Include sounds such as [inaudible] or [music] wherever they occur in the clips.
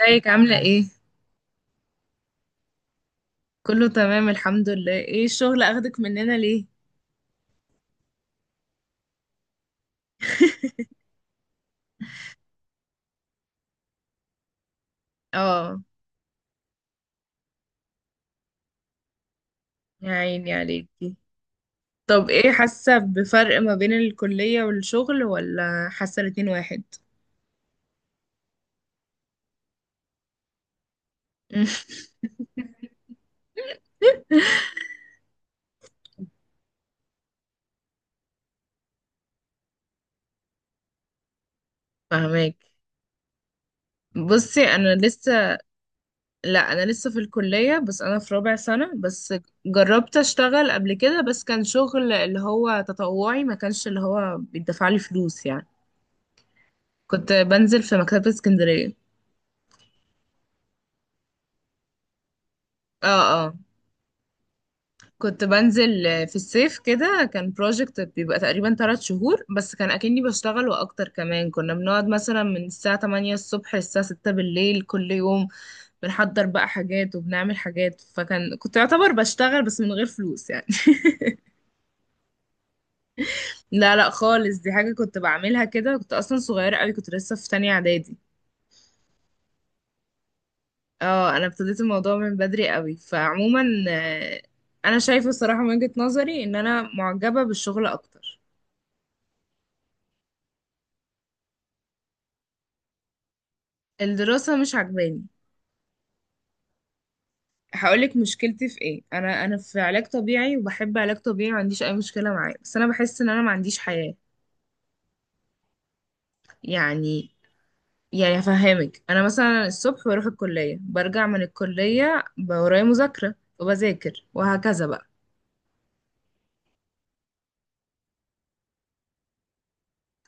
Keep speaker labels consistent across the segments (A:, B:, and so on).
A: ازيك عاملة ايه؟ كله تمام الحمد لله. ايه الشغل اخدك مننا ليه؟ [laughs] اه. يا عيني عليكي. طب ايه حاسة بفرق ما بين الكلية والشغل ولا حاسة الاتنين واحد؟ [laughs] فهماك. بصي انا لسه لا، انا لسه في الكلية، بس انا في رابع سنة بس. جربت اشتغل قبل كده، بس كان شغل اللي هو تطوعي، ما كانش اللي هو بيدفع لي فلوس يعني. كنت بنزل في مكتبة اسكندرية. اه اه. كنت بنزل في الصيف كده، كان بروجكت بيبقى تقريبا 3 شهور، بس كان أكني بشتغل وأكتر، كمان كنا بنقعد مثلا من الساعة 8 الصبح للساعة 6 بالليل كل يوم. بنحضر بقى حاجات وبنعمل حاجات، فكان كنت أعتبر بشتغل بس من غير فلوس يعني. [laughs] لا لا خالص، دي حاجة كنت بعملها كده، كنت أصلا صغيرة قوي، كنت لسه في تانية إعدادي. اه، أنا ابتديت الموضوع من بدري قوي، فعموما أنا شايفة الصراحة من وجهة نظري إن أنا معجبة بالشغل أكتر. الدراسة مش عجباني. هقولك مشكلتي في ايه. انا في علاج طبيعي، وبحب علاج طبيعي، ما عنديش اي مشكله معاه، بس انا بحس ان انا ما عنديش حياه يعني. يعني هفهمك، انا مثلا الصبح بروح الكليه، برجع من الكليه، بقى ورايا مذاكره، وبذاكر وهكذا بقى.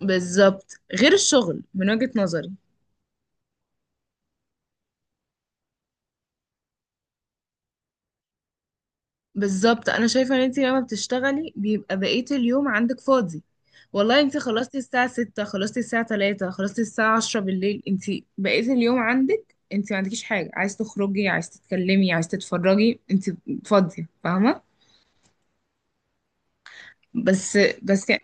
A: بالظبط، غير الشغل من وجهه نظري. بالظبط، انا شايفه ان انت لما بتشتغلي بيبقى بقيه اليوم عندك فاضي. والله انت خلصتي الساعه 6، خلصتي الساعه 3، خلصتي الساعه 10 بالليل، انت بقيه اليوم عندك. انت ما عندكيش حاجه، عايز تخرجي عايز تتكلمي عايز تتفرجي، انت فاضيه، فاهمه. بس بس يعني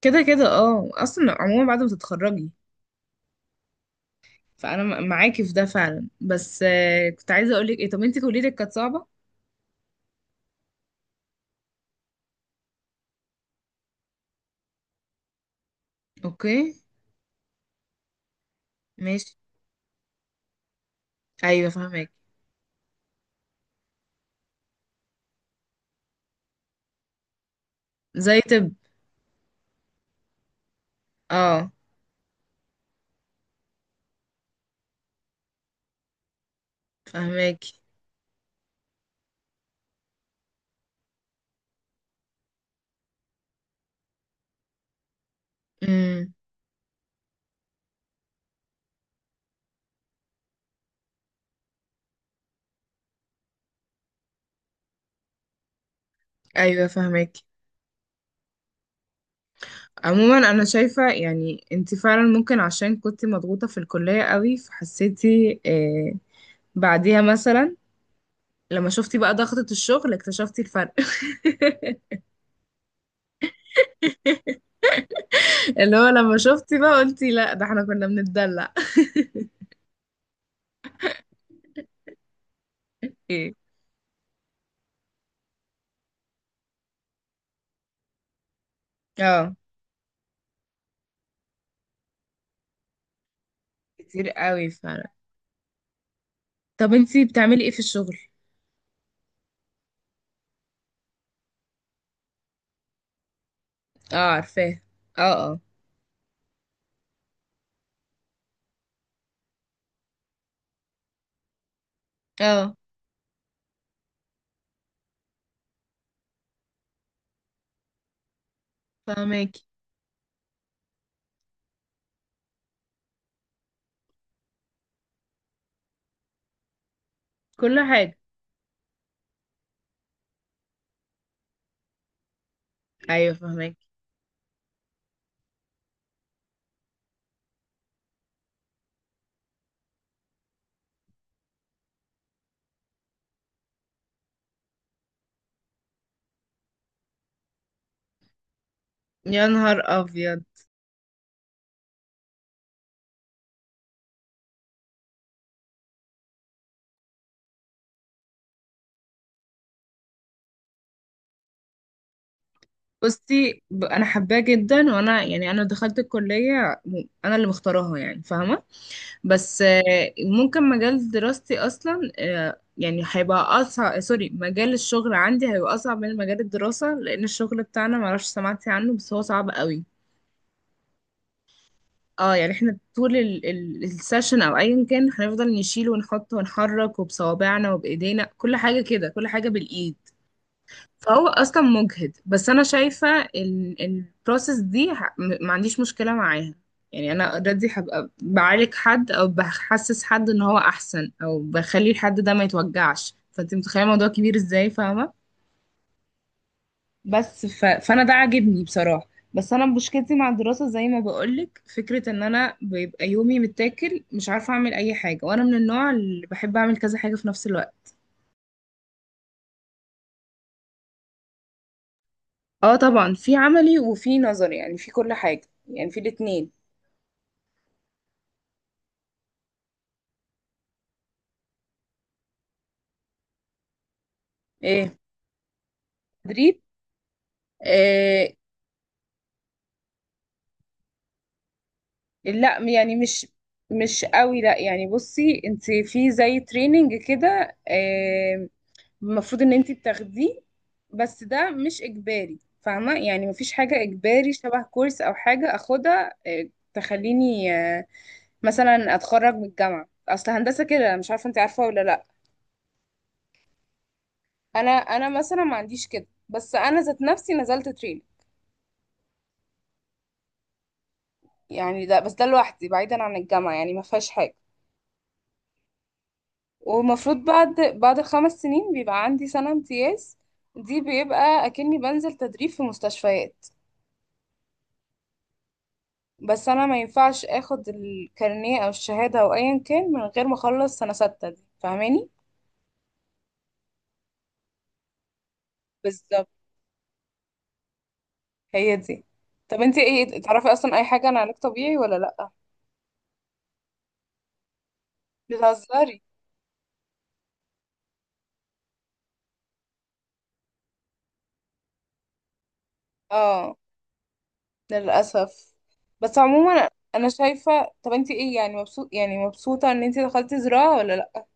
A: كده كده، اه، اصلا عموما بعد ما تتخرجي. فانا معاكي في ده فعلا، بس كنت عايزه اقول لك ايه، طب انت كليتك كانت صعبه؟ اوكي. ماشي. ايوه فاهمك. زي طب. اه. فاهمك. ايوه فاهمك. عموما انا شايفه يعني انت فعلا ممكن عشان كنت مضغوطه في الكليه قوي فحسيتي بعديها، مثلا لما شفتي بقى ضغطه الشغل اكتشفتي الفرق. [laughs] اللي هو لما شفتي بقى قلتي لا، ده احنا كنا بنتدلع. [laughs] ايه. اه. كتير قوي فعلا. طب انت بتعملي ايه في الشغل؟ اه عارفاه. اه. اه. اه فاهمك. كل حاجه. ايوه فاهمك. يا نهار ابيض. بصي، انا حباه جدا، وانا يعني انا دخلت الكليه، انا اللي مختاراها يعني، فاهمه. بس ممكن مجال دراستي اصلا يعني هيبقى اصعب، سوري، مجال الشغل عندي هيبقى اصعب من مجال الدراسه، لان الشغل بتاعنا معرفش سمعتي عنه، بس هو صعب قوي. اه يعني احنا طول السيشن او ايا كان، هنفضل نشيل ونحط ونحرك، وبصوابعنا وبايدينا كل حاجه كده، كل حاجه بالايد. فهو اصلا مجهد. بس انا شايفه البروسيس دي ما عنديش مشكله معاها. يعني انا اوريدي هبقى بعالج حد، او بحسس حد ان هو احسن، او بخلي الحد ده ما يتوجعش، فانت متخيله الموضوع كبير ازاي، فاهمه. بس فانا ده عاجبني بصراحه. بس انا مشكلتي مع الدراسه زي ما بقولك، فكره ان انا بيبقى يومي متاكل، مش عارفه اعمل اي حاجه، وانا من النوع اللي بحب اعمل كذا حاجه في نفس الوقت. اه طبعا، في عملي وفي نظري، يعني في كل حاجه، يعني في الاتنين. إيه؟ مدريد. آه. لا يعني مش. مش قوي، لا يعني بصي، انت في زي تريننج كده. المفروض ان انت بتاخديه، بس ده مش اجباري، فاهمه؟ يعني مفيش حاجه اجباري، شبه كورس او حاجه اخدها تخليني مثلا اتخرج من الجامعه، اصل هندسه كده، مش عارفه انت عارفه ولا لا. انا مثلا ما عنديش كده، بس انا ذات نفسي نزلت تريننج. يعني ده، بس ده لوحدي بعيدا عن الجامعه، يعني ما فيهاش حاجه. ومفروض بعد الخمس سنين بيبقى عندي سنة امتياز. دي بيبقى أكني بنزل تدريب في مستشفيات، بس أنا ما ينفعش أخد الكارنيه أو الشهادة أو أيا كان من غير ما أخلص سنة ستة دي، فاهماني؟ بالظبط. هي دي. طب انتي ايه تعرفي أصلا أي حاجة عن علاج طبيعي ولا لأ؟ بتهزري. اه. للأسف. بس عموما أنا شايفة، طب انتي ايه يعني، مبسوط يعني مبسوطة إن انتي دخلتي زراعة ولا لأ؟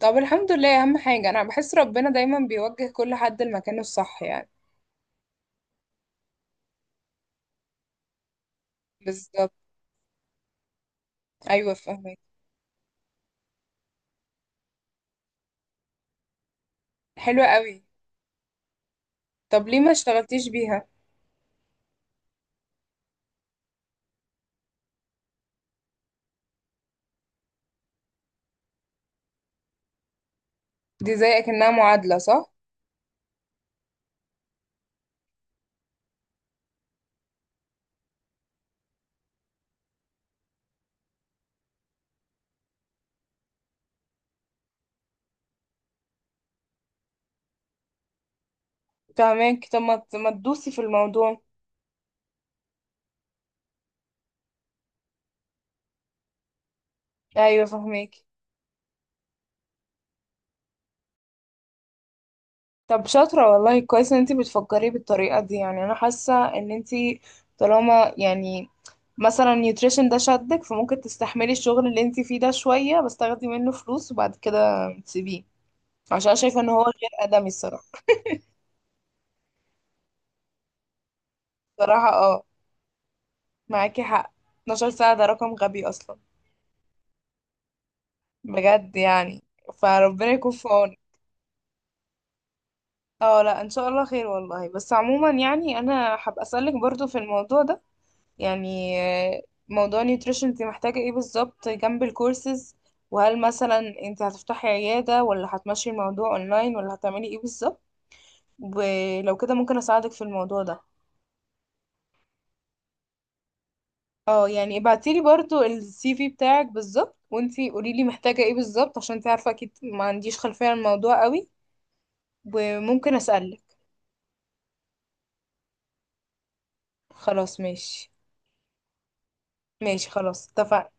A: طب الحمد لله، اهم حاجة، انا بحس ربنا دايما بيوجه كل حد لمكانه الصح يعني. بالظبط. ايوه فاهمك. حلوة قوي. طب ليه ما اشتغلتيش بيها؟ دي زي اكنها معادلة صح. فاهمك. طب ما تدوسي في الموضوع. ايوه فاهمك. طب شاطرة والله، كويس ان انتي بتفكري بالطريقة دي يعني، انا حاسة ان انتي، طالما يعني مثلا نيوتريشن ده شدك، فممكن تستحملي الشغل اللي انتي فيه ده شوية، بس تاخدي منه فلوس وبعد كده تسيبيه. عشان أنا شايفة ان هو غير ادمي الصراحة. بصراحة اه، معاكي حق. 12 ساعة ده رقم غبي اصلا، بجد يعني. فربنا يكون في عونك. اه لا ان شاء الله خير والله. بس عموما يعني انا هبقى اسألك برضو في الموضوع ده، يعني موضوع نيوتريشن، انت محتاجة ايه بالظبط جنب الكورسز، وهل مثلا انت هتفتحي عيادة ولا هتمشي الموضوع اونلاين ولا هتعملي ايه بالظبط. ولو كده ممكن اساعدك في الموضوع ده. اه يعني ابعتيلي برضو السي في بتاعك بالظبط، وانتي قوليلي محتاجة ايه بالظبط، عشان انتي عارفة اكيد ما عنديش خلفية عن الموضوع قوي. وممكن اسألك. خلاص ماشي. ماشي خلاص اتفقنا.